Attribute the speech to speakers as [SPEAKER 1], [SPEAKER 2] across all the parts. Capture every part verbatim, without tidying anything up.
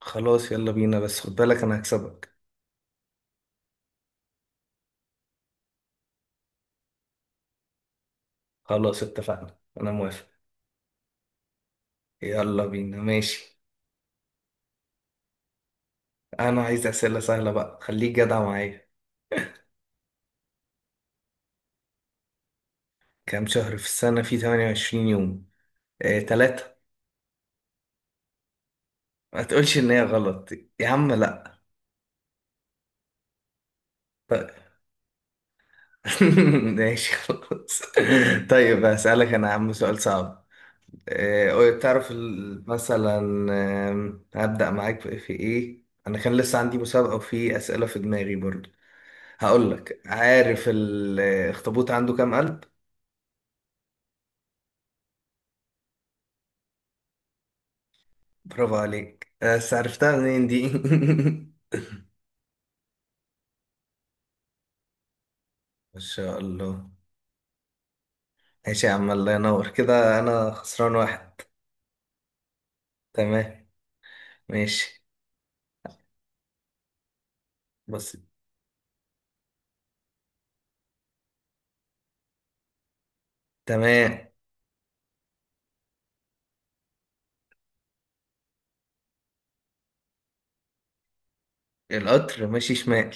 [SPEAKER 1] خلاص يلا بينا، بس خد بالك انا هكسبك. خلاص اتفقنا، انا موافق. يلا بينا ماشي. انا عايز اسئله سهله بقى، خليك جدع معايا. كام شهر في السنه في ثمانية وعشرين يوم؟ آه، تلاتة. ما تقولش ان هي غلط. يا عم لا. طيب. ماشي خلاص. طيب هسألك انا يا عم سؤال صعب. آه، قول- تعرف ال- مثلا. آم، هبدأ معاك في في ايه، انا كان لسه عندي مسابقة وفي أسئلة في دماغي برضو. هقول لك: عارف الاخطبوط عنده كام قلب؟ برافو عليك، بس عرفتها منين دي؟ ما شاء الله. ماشي يا عم، الله ينور كده، انا خسران واحد. تمام. ماشي. بص. تمام. القطر ماشي شمال.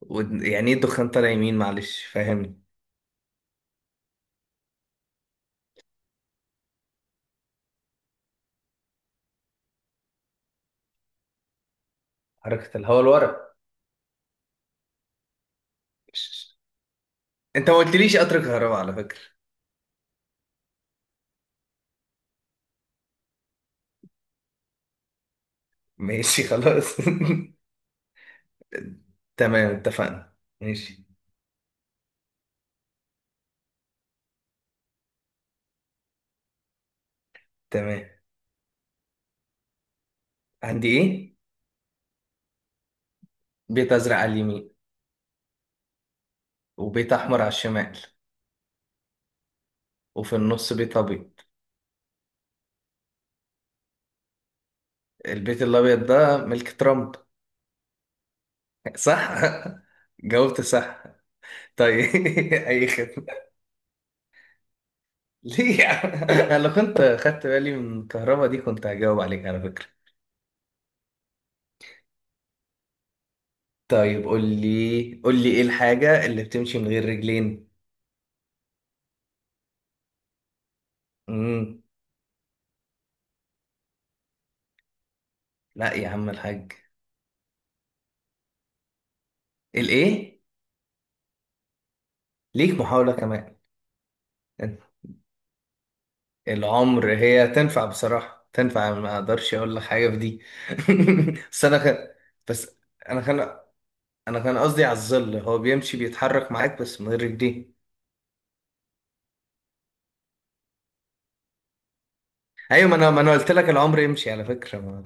[SPEAKER 1] و... يعني ايه الدخان طالع يمين؟ معلش فاهمني. حركة الهواء لورا. مش- انت ما قلتليش قطر كهرباء على فكرة. ماشي خلاص. تمام اتفقنا. ماشي. تمام. عندي ايه؟ بيت ازرق على اليمين. وبيت أحمر على الشمال. وفي النص بيت أبيض. البيت الأبيض ده ملك ترامب. صح؟ جاوبت صح. طيب. أي خدمة. ليه يا عم؟ أنا لو كنت خدت بالي من الكهرباء دي كنت هجاوب عليك على فكرة. طيب قول لي، قول لي إيه الحاجة اللي بتمشي من غير رجلين؟ مم. لا يا عم الحاج. الإيه؟ ليك محاولة كمان. العمر هي تنفع بصراحة، تنفع، ما أقدرش أقول لك حاجة في دي. بس أنا خ... بس انا خل... انا كان قصدي على الظل، هو بيمشي بيتحرك معاك بس من غير رجليه. ايوه، ما انا ما انا قلت لك العمر يمشي على فكره، ما.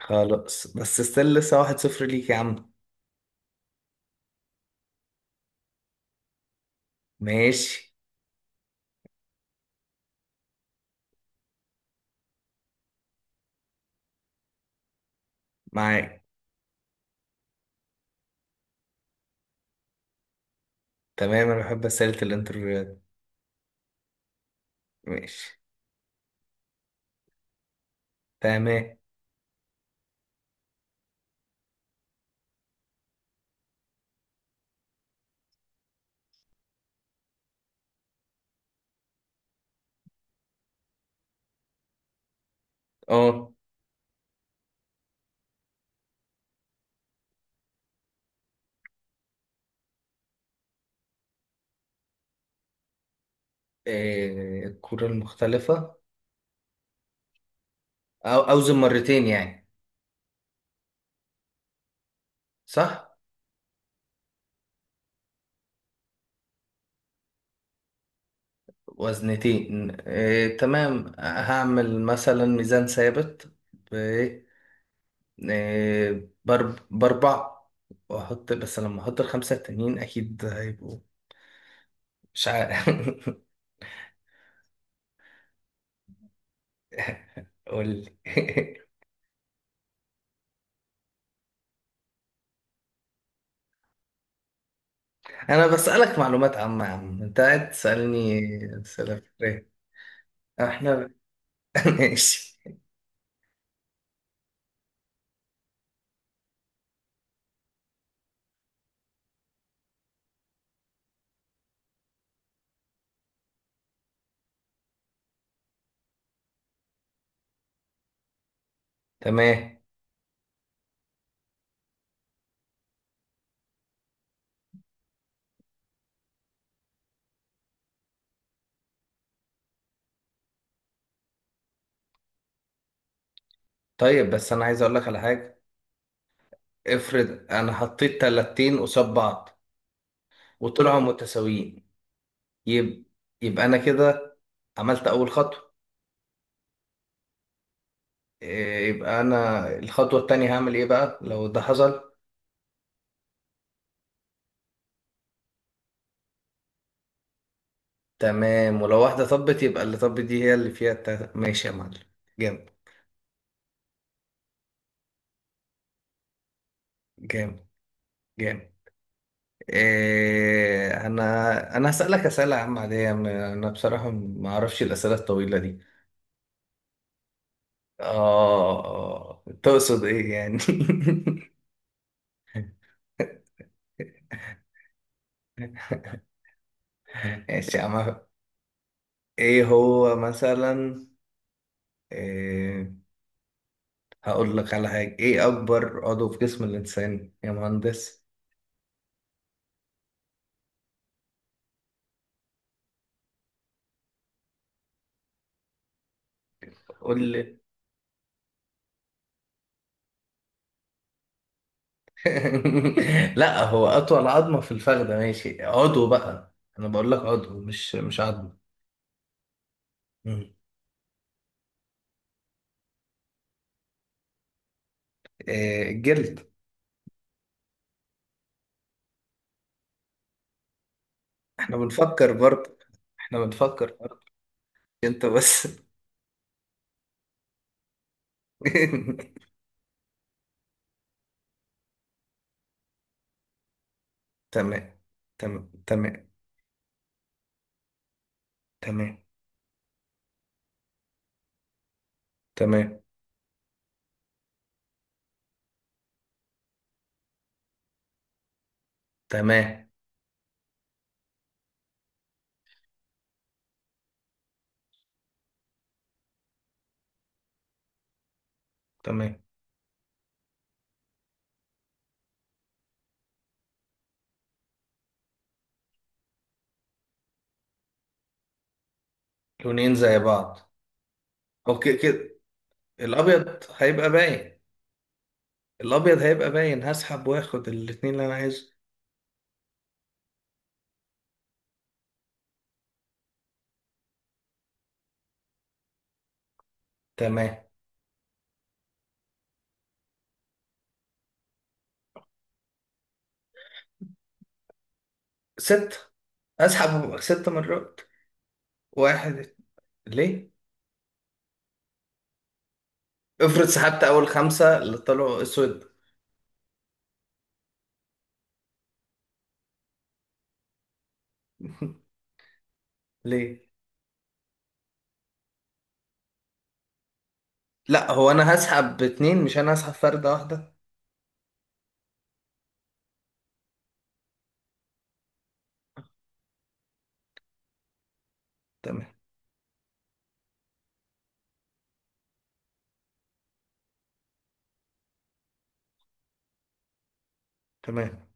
[SPEAKER 1] خلاص بس ستيل لسه واحد صفر ليك يا عم. ماشي. معاك. تمام. انا بحب اسئله الانترفيوهات. ماشي. تمام. اه. إيه، الكره المختلفه، او اوزن مرتين يعني؟ صح. وزنتين، إيه، تمام، هعمل مثلا ميزان ثابت. آه، بر- باربع، واحط، بس لما احط الخمسة التانيين اكيد هيبقوا. مش عارف. قول لي. انا بسألك معلومات عامة يا عم، انت قاعد تسألني أسئلة فكرية، احنا. ماشي. تمام. طيب بس انا عايز اقول لك على حاجة. افرض انا حطيت تلاتين قصاد بعض وطلعوا متساويين. يبقى، يبقى انا كده عملت اول خطوة. إيه، يبقى انا الخطوة التانية هعمل ايه بقى لو ده حصل؟ تمام، ولو واحدة طبت يبقى اللي طبت دي هي اللي فيها التا... ماشي يا معلم. جامد. جامد. جامد. إيه أنا أنا هسألك أسئلة عامة عادية، م- أنا بصراحة ما أعرفش الأسئلة الطويلة دي. آه آه. تقصد إيه يعني؟ ماشي يا عم. إيه هو مثلا؟ إيه. هقول لك على حاجة. إيه أكبر عضو في جسم الإنسان يا مهندس؟ قول. لا، هو اطول عظمه في الفخده ماشي، عضو بقى انا بقول لك عضو مش مش عظم. مم. إيه الجلد. احنا بنفكر برضه. احنا بنفكر برضه. انت بس. تمام. تمام. تمام. تمام. تمام. تمام. تمام. لونين زي بعض. اوكي كده. الابيض هيبقى باين. الابيض هيبقى باين، هسحب واخد الاتنين اللي انا عايزه. تمام. ست. اسحب ست مرات. واحد. ليه؟ افرض سحبت اول خمسة اللي طلعوا اسود. ليه؟ لا، هو انا هسحب باتنين مش انا هسحب فردة واحدة. تمام. تمام.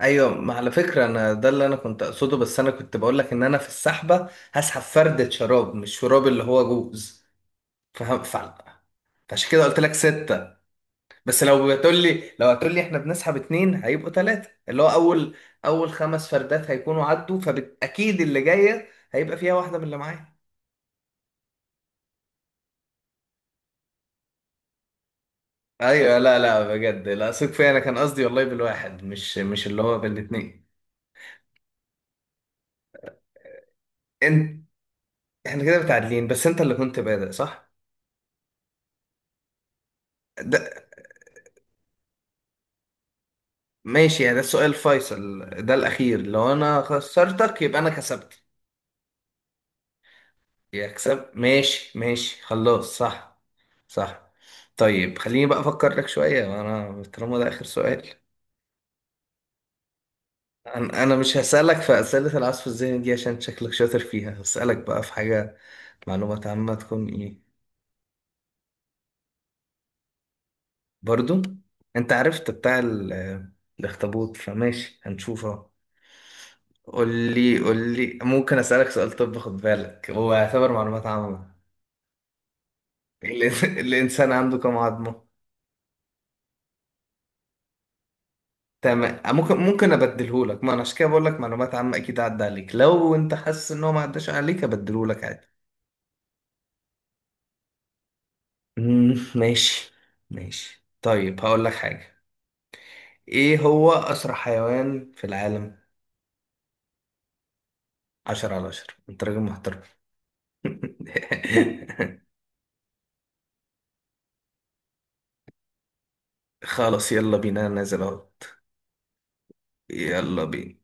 [SPEAKER 1] ايوه، ما على فكرة انا ده اللي انا كنت اقصده، بس انا كنت بقول لك ان انا في السحبة هسحب فردة شراب مش شراب اللي هو جوز. فاهم فعلا. فعشان كده قلت لك ستة. بس لو هتقول لي، لو هتقول لي احنا بنسحب اتنين هيبقوا تلاتة، اللي هو اول، اول خمس فردات هيكونوا عدوا، فاكيد اللي جاية هيبقى فيها واحدة من اللي معايا. ايوه، لا لا بجد، لا، ثق فيا، انا كان قصدي والله بالواحد مش مش اللي هو بالاتنين. انت. احنا كده متعادلين، بس انت اللي كنت بادئ صح. ده ماشي يعني، ده السؤال الفيصل، ده الاخير، لو انا خسرتك يبقى انا كسبت. يكسب، ماشي ماشي، خلاص، صح. صح. طيب خليني بقى افكر لك شويه، انا طالما ده اخر سؤال. انا أنا مش هسالك في اسئله العصف الذهني دي عشان شكلك شاطر فيها. هسالك بقى في حاجه معلومات عامه تكون ايه. برضو. انت عرفت بتاع ال- الاخطبوط فماشي هنشوفه. قول لي، قول لي، ممكن اسالك سؤال؟ طب خد بالك هو يعتبر معلومات عامه. الإنس- الانسان عنده كم عظمه؟ تمام، ممكن، ممكن ابدله لك، ما انا عشان كده بقول لك معلومات عامه، اكيد عدى عليك، لو انت حاسس ان هو ما عداش عليك ابدله لك عادي. مم، ماشي. ماشي، طيب هقول لك حاجه. ايه هو اسرع حيوان في العالم؟ عشرة على عشرة انت راجل محترم. خلاص يلا بينا، أنا نازل اهوت. يلا بينا.